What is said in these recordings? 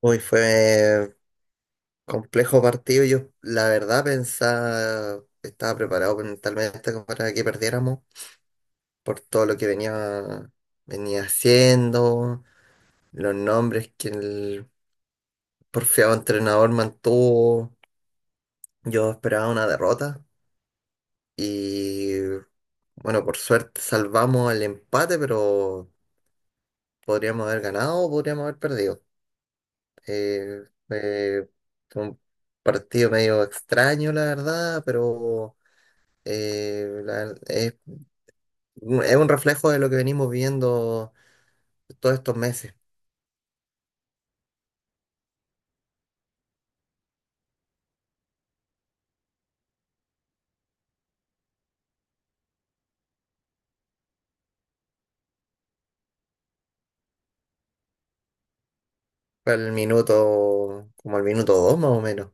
Hoy fue complejo partido. Yo, la verdad, pensaba, estaba preparado mentalmente como para que perdiéramos por todo lo que venía haciendo, los nombres que el porfiado entrenador mantuvo. Yo esperaba una derrota y, bueno, por suerte salvamos el empate, pero podríamos haber ganado o podríamos haber perdido. Eh, eh, Fue un partido medio extraño, la verdad, pero eh, la- es, es un reflejo de lo que venimos viendo todos estos meses. Fue el minuto, como el minuto dos más o menos.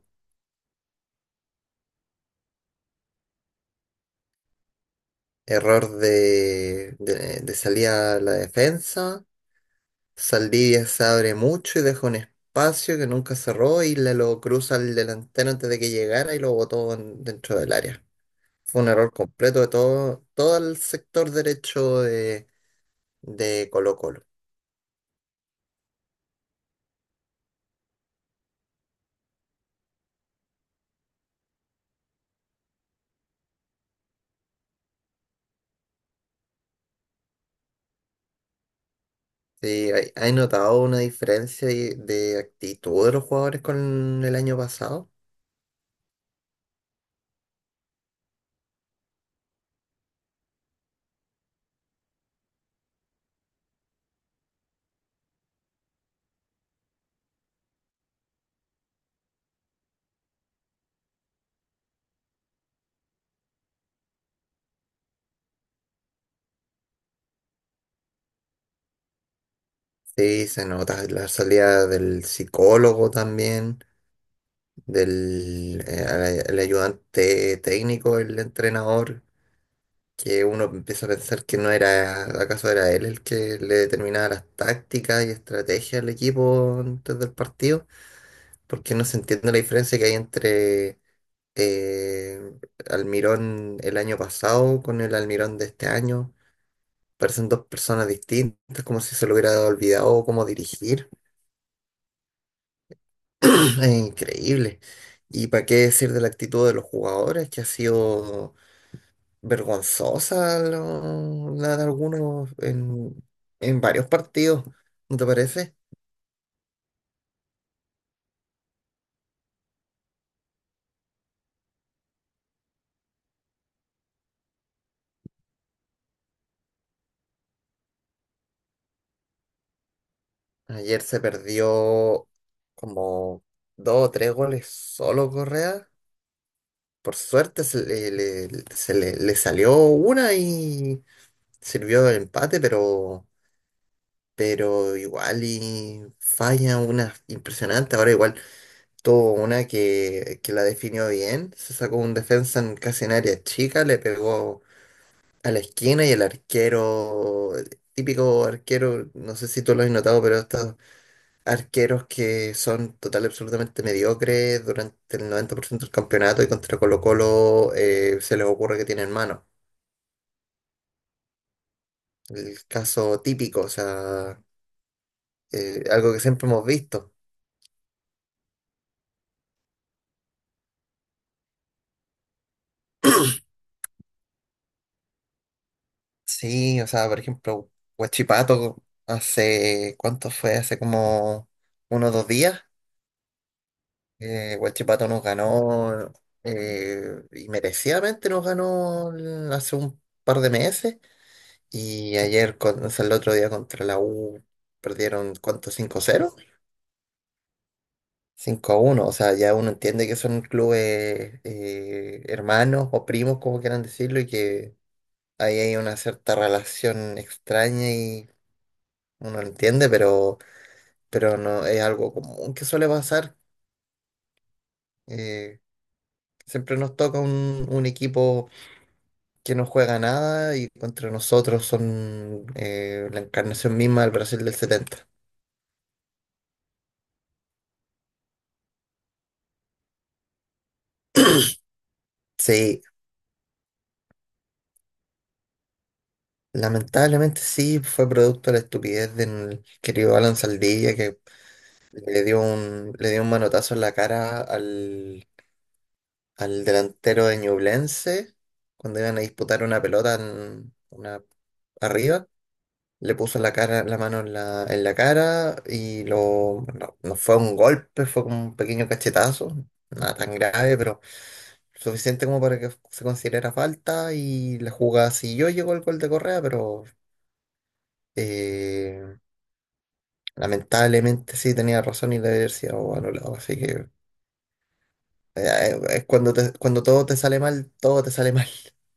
Error de salida a la defensa. Saldivia se abre mucho y deja un espacio que nunca cerró y le lo cruza al delantero antes de que llegara y lo botó dentro del área. Fue un error completo de todo, todo el sector derecho de Colo-Colo. Sí, hay notado una diferencia de actitud de los jugadores con el año pasado. Sí, se nota la salida del psicólogo también, del al- el ayudante técnico, el entrenador, que uno empieza a pensar que no era, acaso era él el que le determinaba las tácticas y estrategias al equipo antes del partido, porque no se entiende la diferencia que hay entre eh, Almirón el año pasado con el Almirón de este año. Parecen dos personas distintas, como si se le hubiera olvidado cómo dirigir. Es increíble. ¿Y para qué decir de la actitud de los jugadores, que ha sido vergonzosa la de algunos en varios partidos? ¿No te parece? Ayer se perdió como dos o tres goles solo Correa. Por suerte se le salió una y sirvió el empate, pero, igual y falla una impresionante. Ahora igual tuvo una que la definió bien, se sacó un defensa en casi en área chica, le pegó a la esquina y el arquero, típico arquero, no sé si tú lo has notado, pero estos arqueros que son total y absolutamente mediocres durante el 90% del campeonato y contra Colo-Colo se les ocurre que tienen mano. El caso típico, o sea, algo que siempre hemos visto. Sí, o sea, por ejemplo, Huachipato hace, ¿cuánto fue? Hace como unos 2 días. Huachipato nos ganó y merecidamente nos ganó hace un par de meses. Y ayer, o sea, el otro día contra la U, perdieron, ¿cuánto? 5-0. 5-1, o sea, ya uno entiende que son clubes hermanos o primos, como quieran decirlo, y que ahí hay una cierta relación extraña y uno lo entiende, pero no es algo común que suele pasar. Eh, Siempre nos toca un equipo que no juega nada y contra nosotros son la encarnación misma del Brasil del setenta. Sí, lamentablemente sí, fue producto de la estupidez del querido Alan Saldivia que le dio un manotazo en la cara al delantero de Ñublense cuando iban a disputar una pelota arriba. Le puso la cara, la mano en la cara y no, no fue un golpe, fue como un pequeño cachetazo, nada tan grave, pero suficiente como para que se considerara falta y la jugada siguió, llegó el gol de Correa, pero eh, lamentablemente sí tenía razón y la diversidad o anulado, así que es cuando cuando todo te sale mal, todo te sale mal.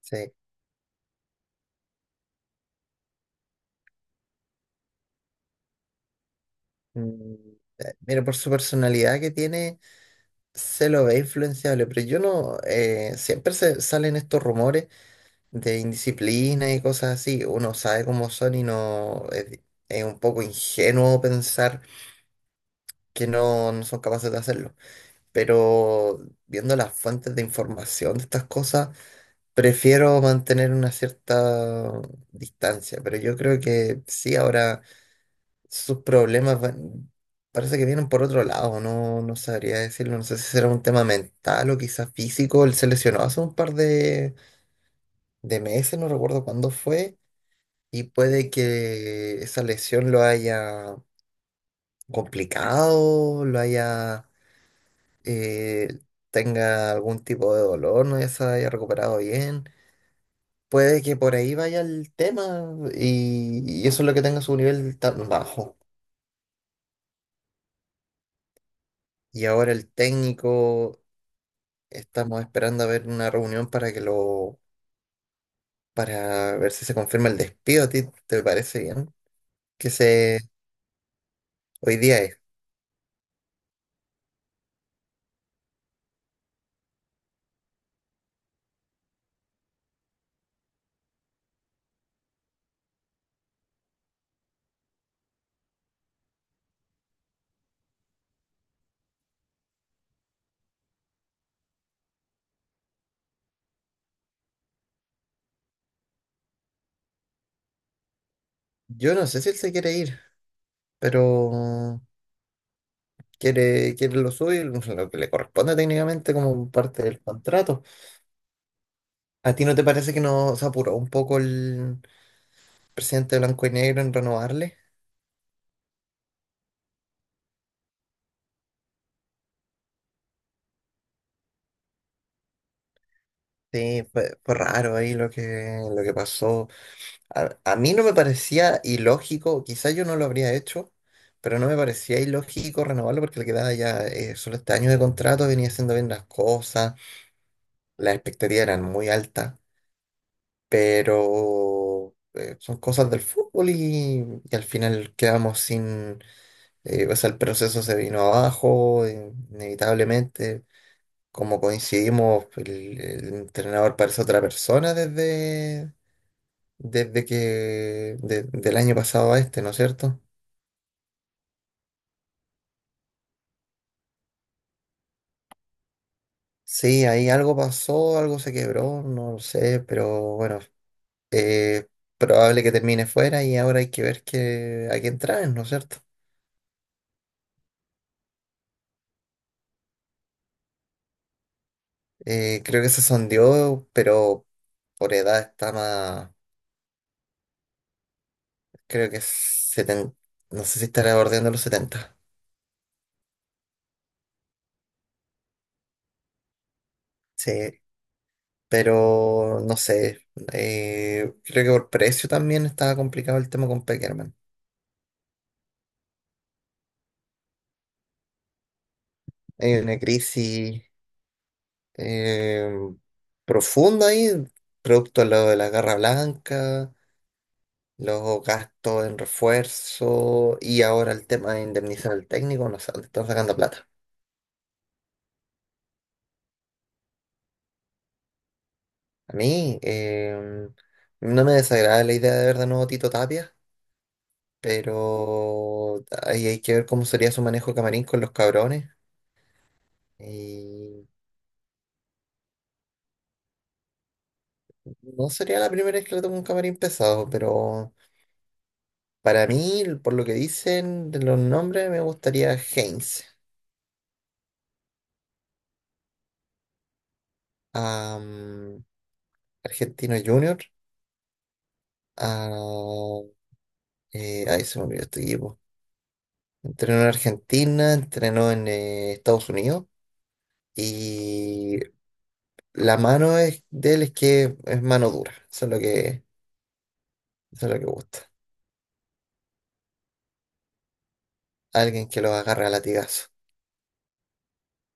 Sí. Mm, Mira, por su personalidad que tiene, se lo ve influenciable, pero yo no, siempre se salen estos rumores de indisciplina y cosas así. Uno sabe cómo son y no es un poco ingenuo pensar que no, no son capaces de hacerlo. Pero viendo las fuentes de información de estas cosas prefiero mantener una cierta distancia, pero yo creo que sí, ahora sus problemas van- parece que vienen por otro lado, no, no sabría decirlo, no sé si será un tema mental o quizás físico, él se lesionó hace un par de meses, no recuerdo cuándo fue, y puede que esa lesión lo haya complicado, eh, tenga algún tipo de dolor, no ya se haya recuperado bien. Puede que por ahí vaya el tema y eso es lo que tenga su nivel tan bajo. Y ahora el técnico, estamos esperando a ver una reunión para que lo, para ver si se confirma el despido. ¿A ti te parece bien? Que se, Hoy día es. Yo no sé si él se quiere ir, pero quiere lo suyo, lo que le corresponde técnicamente como parte del contrato. ¿A ti no te parece que no se apuró un poco el presidente Blanco y Negro en renovarle? Sí, fue raro ahí lo que pasó. A mí no me parecía ilógico, quizás yo no lo habría hecho, pero no me parecía ilógico renovarlo porque le quedaba ya solo este año de contrato, venía haciendo bien las cosas, las expectativas eran muy altas, pero son cosas del fútbol y al final quedamos sin, o sea, el proceso se vino abajo, inevitablemente. Como coincidimos, el entrenador parece otra persona desde del año pasado a este, ¿no es cierto? Sí, ahí algo pasó, algo se quebró, no lo sé, pero bueno, eh, probable que termine fuera y ahora hay que ver a quién traen, ¿no es cierto? Creo que se sondeó, pero por edad está más, creo que es no sé si estará bordeando los 70. Sí, pero no sé, creo que por precio también estaba complicado el tema con Peckerman. Hay una crisis eh, profunda ahí, producto de lo de la Guerra Blanca, los gastos en refuerzo y ahora el tema de indemnizar al técnico, no sé, dónde están sacando plata. A mí no me desagrada la idea de ver de nuevo a Tito Tapia, pero ahí hay que ver cómo sería su manejo de camarín con los cabrones. Y no sería la primera vez que le toco un camarín pesado, pero para mí, por lo que dicen de los nombres, me gustaría Heinz. A Argentino Junior, a... ahí se me olvidó este equipo. Entrenó en Argentina, entrenó en Estados Unidos y la mano de él es que es mano dura. Eso es lo que gusta. Alguien que lo agarra a latigazo.